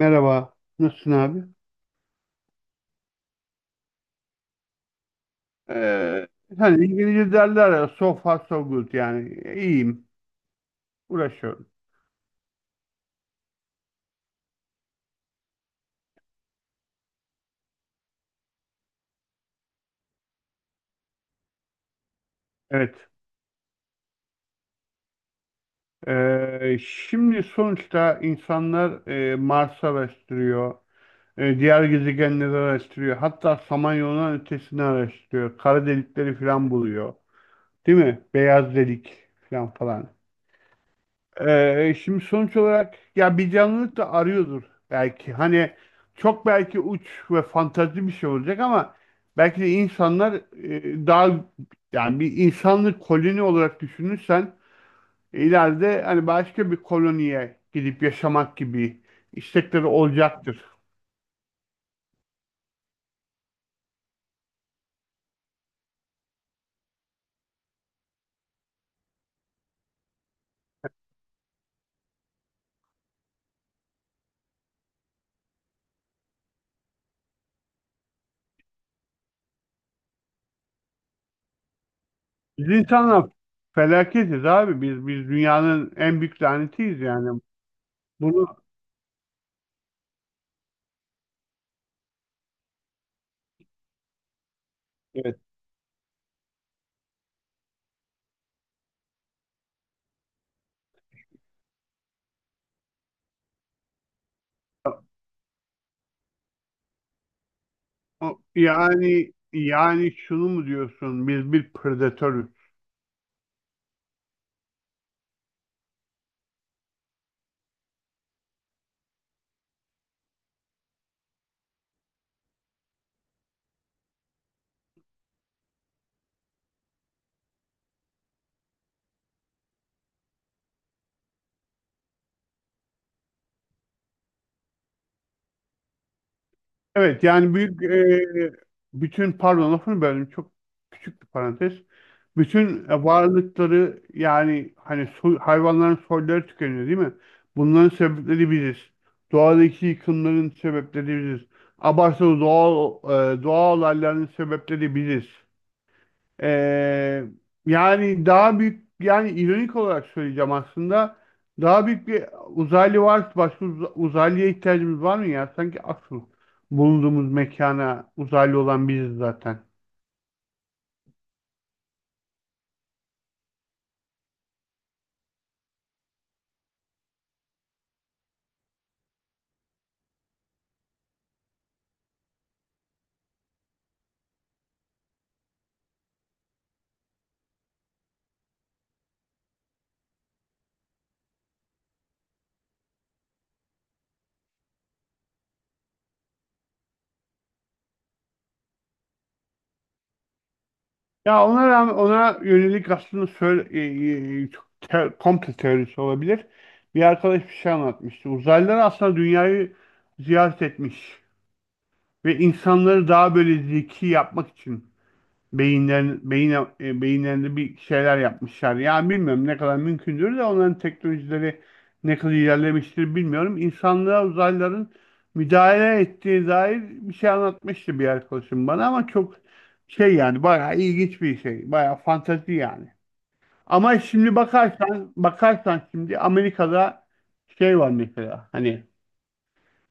Merhaba. Nasılsın abi? Ee, Hani İngilizce derler ya so far so good yani iyiyim. Uğraşıyorum. Evet. Şimdi sonuçta insanlar Mars'ı araştırıyor. Diğer gezegenleri araştırıyor. Hatta Samanyolu'nun ötesini araştırıyor. Kara delikleri falan buluyor. Değil mi? Beyaz delik falan falan. Şimdi sonuç olarak ya bir canlılık da arıyordur belki. Hani çok belki uç ve fantazi bir şey olacak ama belki de insanlar daha, yani bir insanlık koloni olarak düşünürsen ileride hani başka bir koloniye gidip yaşamak gibi istekleri olacaktır. Biz insanlar felaketiz abi. Biz dünyanın en büyük lanetiyiz yani. Bunu Evet. Yani şunu mu diyorsun? Biz bir predatörüz. Evet, yani büyük, bütün, pardon, lafını böldüm, çok küçük bir parantez. Bütün varlıkları, yani hani hayvanların soyları tükeniyor, değil mi? Bunların sebepleri biziz. Doğadaki yıkımların sebepleri biziz. Abartılı doğal olayların sebepleri biziz. Ee, Yani daha büyük, yani ironik olarak söyleyeceğim, aslında daha büyük bir uzaylı var, başka uzaylıya ihtiyacımız var mı ya? Sanki asıl bulunduğumuz mekana uzaylı olan biziz zaten. Ya ona rağmen ona yönelik aslında söyle, çok komple teorisi olabilir. Bir arkadaş bir şey anlatmıştı. Uzaylılar aslında dünyayı ziyaret etmiş ve insanları daha böyle zeki yapmak için beyinler, beyin, beyinlerinde bir şeyler yapmışlar. Ya bilmiyorum ne kadar mümkündür de onların teknolojileri ne kadar ilerlemiştir, bilmiyorum. İnsanlığa uzaylıların müdahale ettiği dair bir şey anlatmıştı bir arkadaşım bana, ama çok şey, yani bayağı ilginç bir şey. Bayağı fantezi yani. Ama şimdi bakarsan şimdi Amerika'da şey var mesela, hani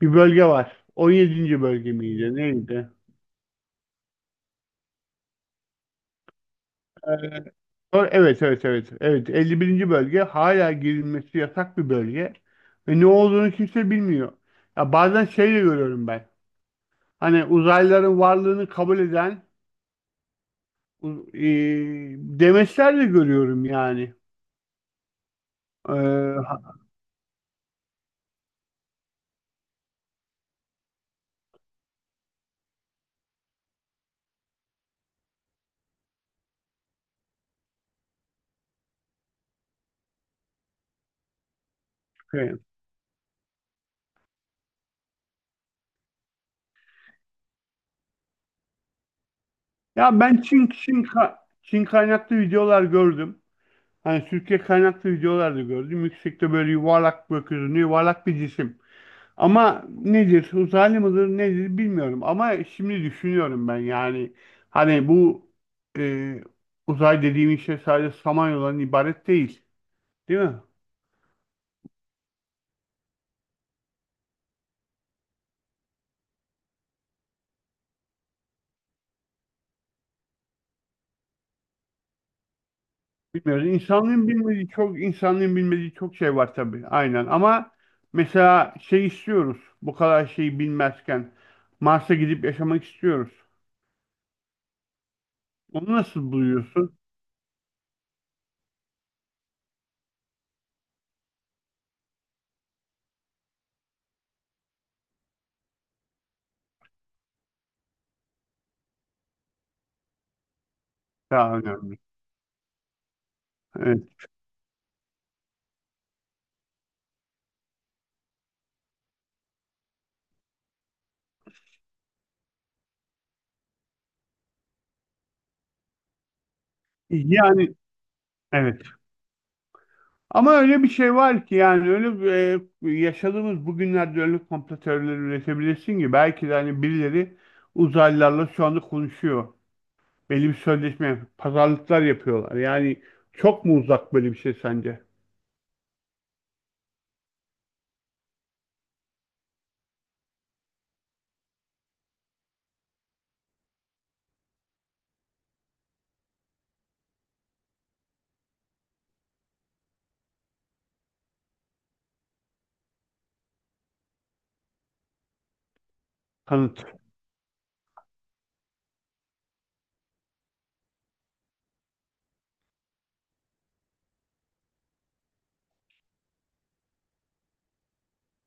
bir bölge var. 17. bölge miydi? Neydi? Ee, Evet, evet, evet. Evet, 51. bölge hala girilmesi yasak bir bölge. Ve ne olduğunu kimse bilmiyor. Ya bazen şey de görüyorum ben. Hani uzaylıların varlığını kabul eden u- e, demeçler de görüyorum yani. Ee, ha- şey. Ya ben Çin kaynaklı videolar gördüm. Hani Türkiye kaynaklı videolar da gördüm. Yüksekte böyle yuvarlak, gökyüzünde yuvarlak bir cisim. Ama nedir, uzaylı mıdır nedir, bilmiyorum. Ama şimdi düşünüyorum ben, yani hani bu e, uzay dediğimiz şey sadece Samanyolu'dan ibaret değil. Değil mi? Bilmiyoruz. İnsanlığın bilmediği çok şey var tabii. Aynen ama mesela şey istiyoruz. Bu kadar şeyi bilmezken Mars'a gidip yaşamak istiyoruz. Onu nasıl buluyorsun? Daha önemli. Evet. Yani, evet. Ama öyle bir şey var ki, yani öyle bir, yaşadığımız bugünlerde öyle komplo teorileri üretebilirsin ki belki de hani birileri uzaylılarla şu anda konuşuyor. Belli bir sözleşme, pazarlıklar yapıyorlar. Yani çok mu uzak böyle bir şey sence? Kanıt.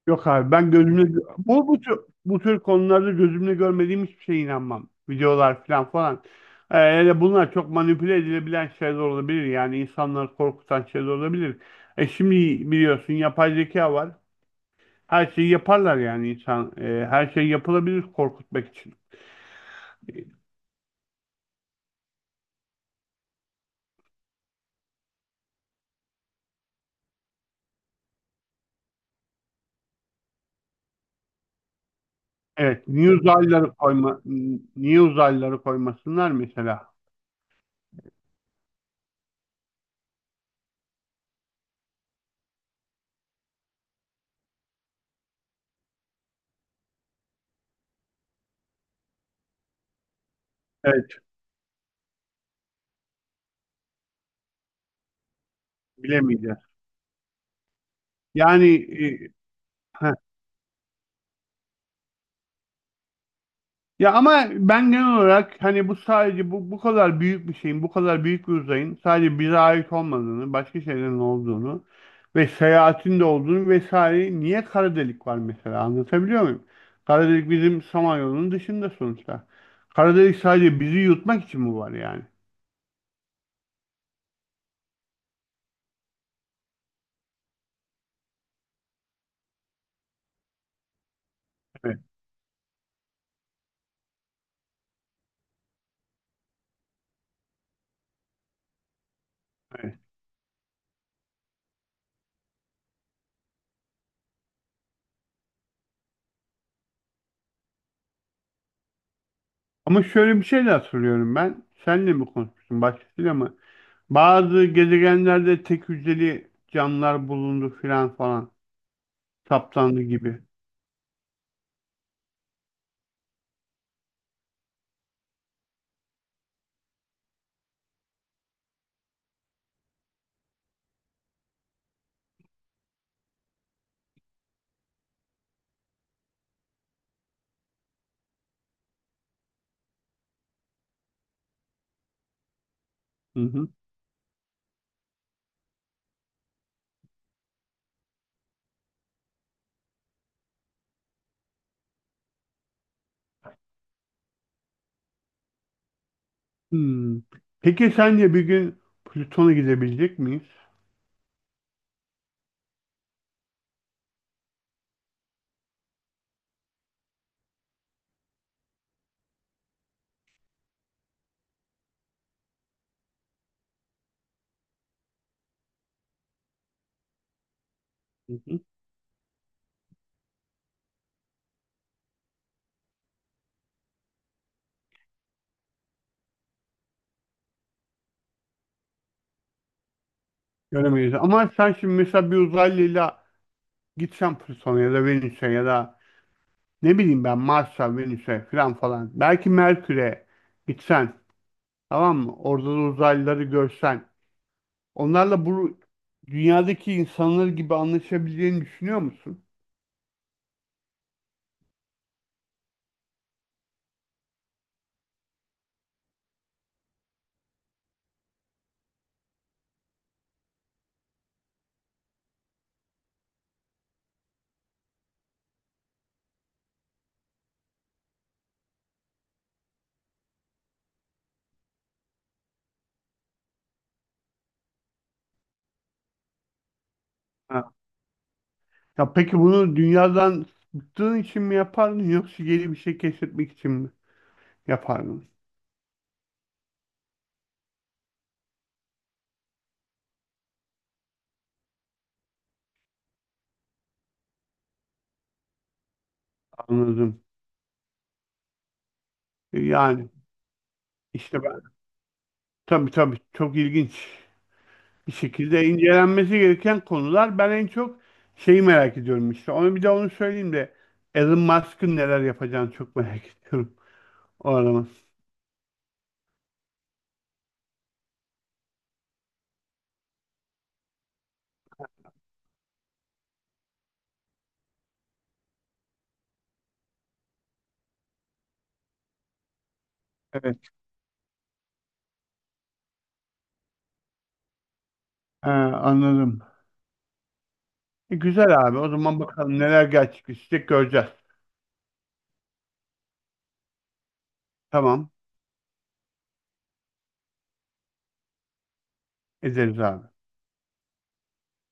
Yok abi, ben gözümle bu tür konularda gözümle görmediğim hiçbir şeye inanmam. Videolar falan falan. Hele bunlar çok manipüle edilebilen şeyler olabilir. Yani insanları korkutan şeyler olabilir. Şimdi biliyorsun yapay zeka var. Her şeyi yaparlar yani insan. Her şey yapılabilir korkutmak için. Evet. Niye uzaylıları koymasınlar mesela? Evet. Bilemeyeceğiz. Yani, e, ya ama ben genel olarak hani bu sadece bu kadar büyük bir şeyin, bu kadar büyük bir uzayın sadece bize ait olmadığını, başka şeylerin olduğunu ve seyahatin de olduğunu vesaire, niye kara delik var mesela, anlatabiliyor muyum? Kara delik bizim Samanyolu'nun dışında sonuçta. Kara delik sadece bizi yutmak için mi var yani? Evet, evet. Ama şöyle bir şey de hatırlıyorum ben. Senle mi konuşmuştun, başkasıyla mı? Bazı gezegenlerde tek hücreli canlılar bulundu filan falan, saptandı gibi. Hı hı. Hmm. Peki sence bir gün Plüton'a gidebilecek miyiz? Hı hı. Göremeyiz. Ama sen şimdi mesela bir uzaylıyla gitsen Plüton'a ya da Venüs'e ya da ne bileyim ben Mars'a, Venüs'e falan falan. Belki Merkür'e gitsen, tamam mı? Orada da uzaylıları görsen. Onlarla bu dünyadaki insanlar gibi anlaşabileceğini düşünüyor musun? Ha. Ya peki bunu dünyadan bıktığın için mi yapardın, yoksa yeni bir şey keşfetmek için mi yapardın? Anladım. Yani, İşte ben, tabii tabii, çok ilginç bir şekilde incelenmesi gereken konular. Ben en çok şeyi merak ediyorum işte. Onu, bir de onu söyleyeyim de, Elon Musk'ın neler yapacağını çok merak ediyorum, o adamın. Evet. He, anladım. Güzel abi. O zaman bakalım neler gerçekleşecek, göreceğiz. Tamam. Ederiz abi.